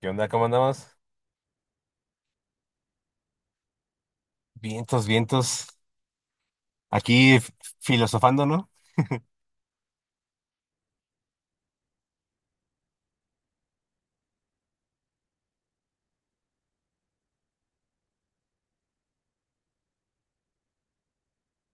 ¿Qué onda? ¿Cómo andamos? Vientos, vientos. Aquí filosofando, ¿no?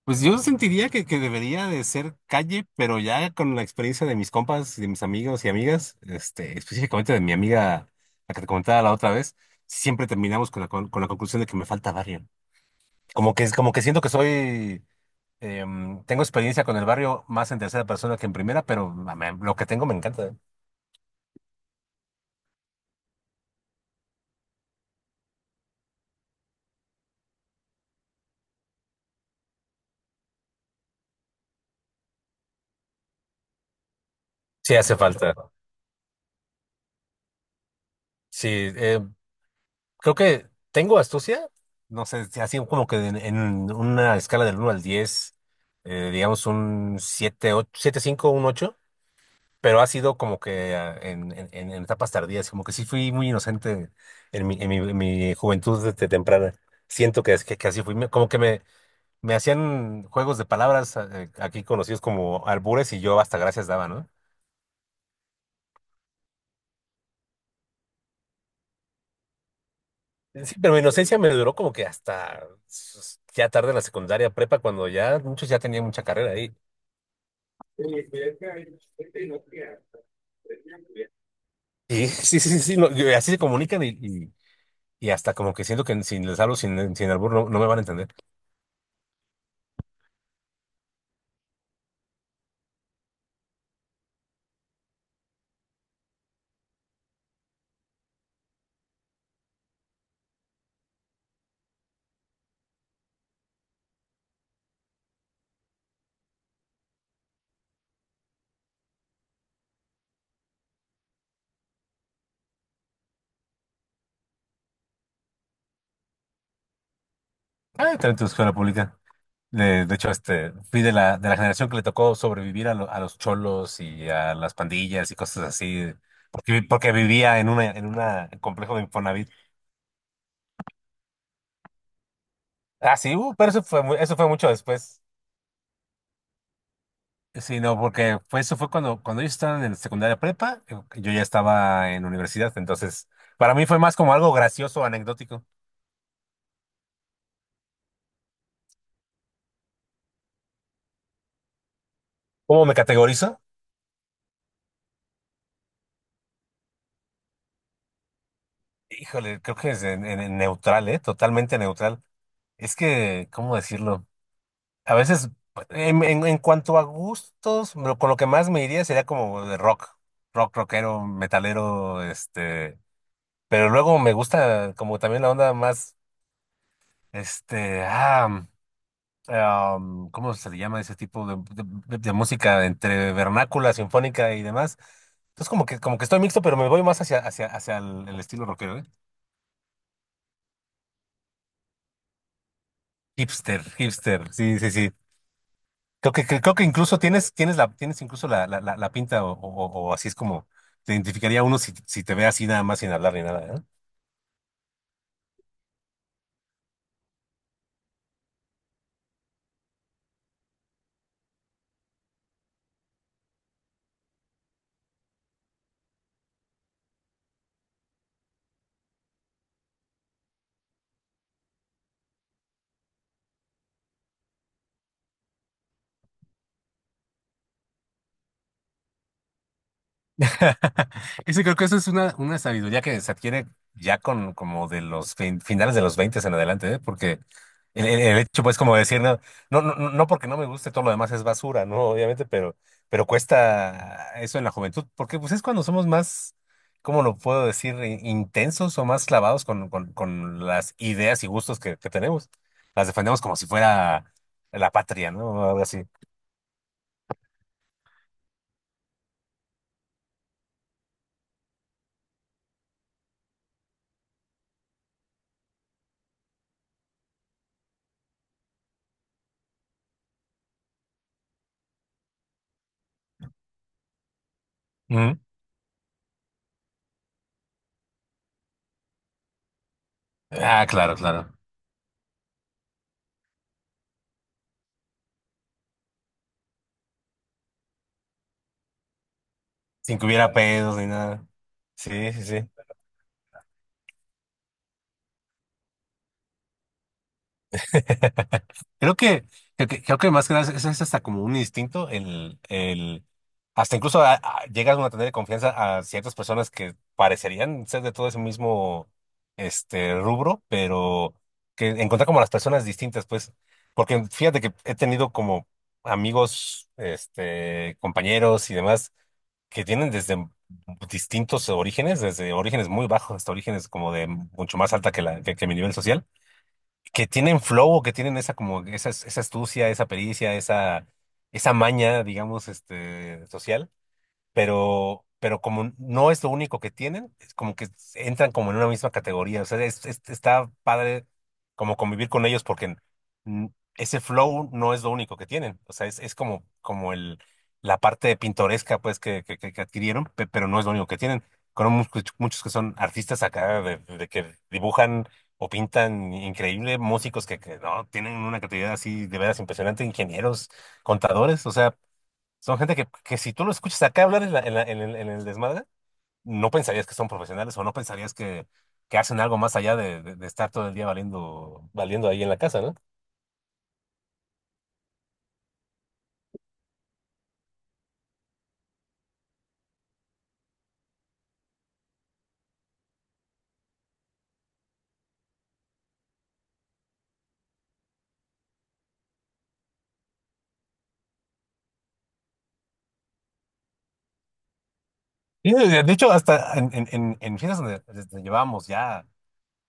Pues yo sentiría que debería de ser calle, pero ya con la experiencia de mis compas, y de mis amigos y amigas, este, específicamente de mi amiga, la que te comentaba la otra vez, siempre terminamos con la, con la conclusión de que me falta barrio. Como que siento que soy, tengo experiencia con el barrio más en tercera persona que en primera, pero lo que tengo me encanta. ¿Eh? Sí hace falta. Sí, eh, creo que tengo astucia, no sé, si así como que en una escala del uno al 10, digamos un 7 ocho, 7 5 un 8, pero ha sido como que en etapas tardías, como que sí fui muy inocente en mi juventud desde temprana. Siento que así fui. Como que me hacían juegos de palabras aquí conocidos como albures y yo hasta gracias daba, ¿no? Sí, pero mi inocencia me duró como que hasta ya tarde en la secundaria prepa, cuando ya muchos ya tenían mucha carrera ahí. Y sí, sí, sí, sí, no, y así se comunican y hasta como que siento que si les hablo sin, albur no, no me van a entender. Ah, también tu escuela pública. De hecho, este, fui de la generación que le tocó sobrevivir a los cholos y a las pandillas y cosas así, porque, porque vivía en una complejo de Infonavit. Ah, sí, pero eso fue mucho después. Sí, no, porque eso fue cuando ellos estaban en secundaria prepa, yo ya estaba en universidad, entonces para mí fue más como algo gracioso, anecdótico. ¿Cómo me categorizo? Híjole, creo que es en neutral, ¿eh? Totalmente neutral. Es que, ¿cómo decirlo? A veces, en cuanto a gustos, con lo que más me iría sería como de rock, rock, rockero, metalero, este, pero luego me gusta como también la onda más, este, ¿cómo se le llama ese tipo de, de música entre vernácula, sinfónica y demás? Entonces como que estoy mixto, pero me voy más hacia, hacia el estilo rockero, ¿eh? Hipster, hipster, sí, sí, sí. Creo que incluso tienes incluso la pinta o así es como te identificaría uno si te ve así nada más sin hablar ni nada, ¿eh? Ese Creo que eso es una, sabiduría que se adquiere ya con como de los finales de los 20 en adelante, ¿eh? Porque el hecho, pues, como decir, no, no, no, no no porque no me guste, todo lo demás es basura, ¿no? Obviamente, pero cuesta eso en la juventud, porque pues es cuando somos más, ¿cómo lo puedo decir? Intensos o más clavados con las ideas y gustos que tenemos. Las defendemos como si fuera la patria, ¿no? Algo así. Ujú. Ah, claro, claro. Sin que hubiera pedos ni nada. Sí, sí, sí. Creo que, creo que más que nada es hasta como un instinto, hasta incluso llegas uno a tener confianza a ciertas personas que parecerían ser de todo ese mismo rubro, pero que encontrar como las personas distintas, pues, porque fíjate que he tenido como amigos, este, compañeros y demás que tienen desde distintos orígenes, desde orígenes muy bajos hasta orígenes como de mucho más alta que la, que mi nivel social, que tienen flow, que tienen esa astucia, esa pericia, esa maña, digamos, este, social, pero como no es lo único que tienen, es como que entran como en una misma categoría. O sea, está padre como convivir con ellos porque mm, ese flow no es lo único que tienen. O sea, es como, como el, la parte pintoresca pues que adquirieron, pero no es lo único que tienen. Conozco muchos, muchos que son artistas acá de que dibujan o pintan increíble, músicos que no tienen una creatividad así de veras impresionante, ingenieros, contadores, o sea son gente que si tú lo escuchas acá hablar en el desmadre, no pensarías que son profesionales o no pensarías que hacen algo más allá de estar todo el día valiendo, valiendo ahí en la casa, ¿no? Y de hecho, hasta en fiestas donde llevábamos ya,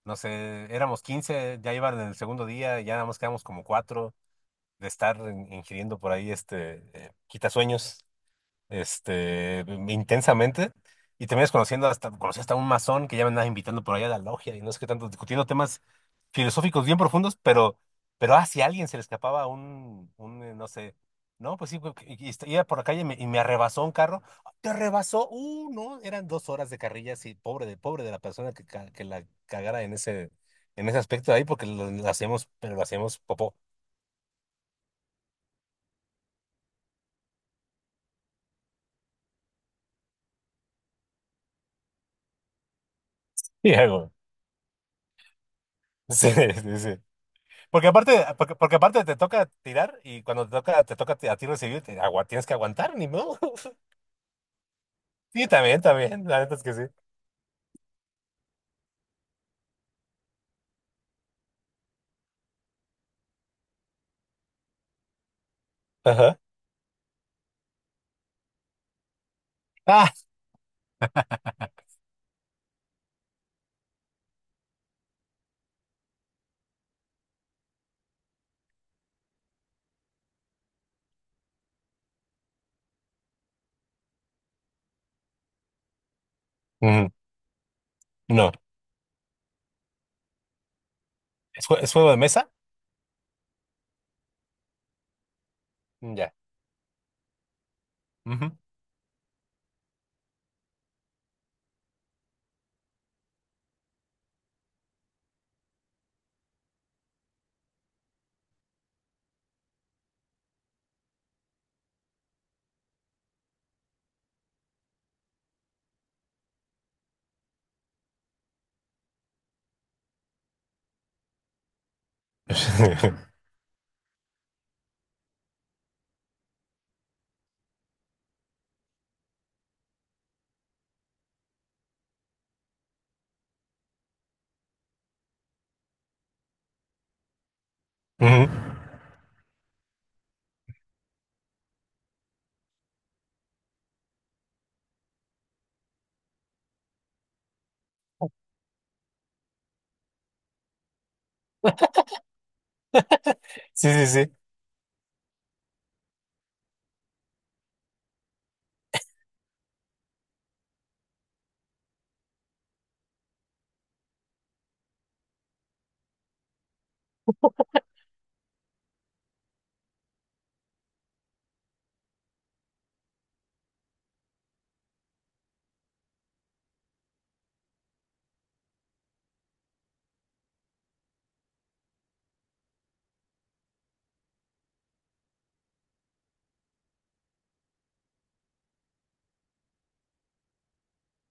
no sé, éramos 15, ya iban en el segundo día, ya nada más quedamos como cuatro de estar ingiriendo por ahí este quitasueños. Este, intensamente. Y terminas conociendo hasta, conocí hasta un masón que ya me andaba invitando por allá a la logia y no sé qué tanto, discutiendo temas filosóficos bien profundos, pero, si a alguien se le escapaba un, no sé, no, pues sí, pues, iba por la calle y me arrebasó un carro. ¡Ah, te arrebasó! No, eran 2 horas de carrilla, así, pobre de la persona que la cagara en ese aspecto ahí, porque lo hacíamos, pero lo hacíamos popó. Y algo. Sí, sí, sí. Porque aparte, porque aparte te toca tirar y cuando te toca a ti recibir, te agua, tienes que aguantar, ni modo. Sí, también, también, la neta es que sí. Ajá. Ah, mm, no. ¿Es juego de mesa? Mm, ya. Ujú. Ujú. Sí, sí, sí.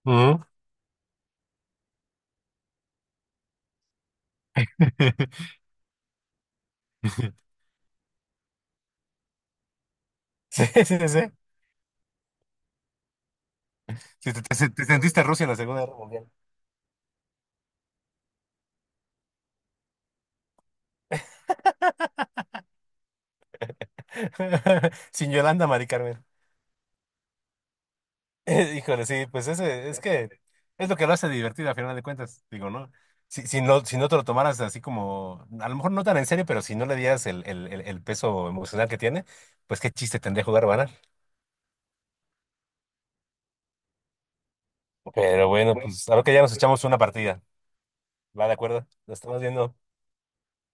Ujú. Sí, sí, sí, sí. Sí, te sentiste Rusia en la Segunda Guerra Mundial. Sin Yolanda, Mari Carmen. Híjole, sí, pues ese, es que es lo que lo hace divertido a final de cuentas, digo, ¿no? Si no, si no te lo tomaras así, como a lo mejor no tan en serio, pero si no le dieras el peso emocional que tiene, pues qué chiste tendría jugar a ganar. Pero bueno, pues a ver que ya nos echamos una partida. ¿Va, de acuerdo? Nos estamos viendo.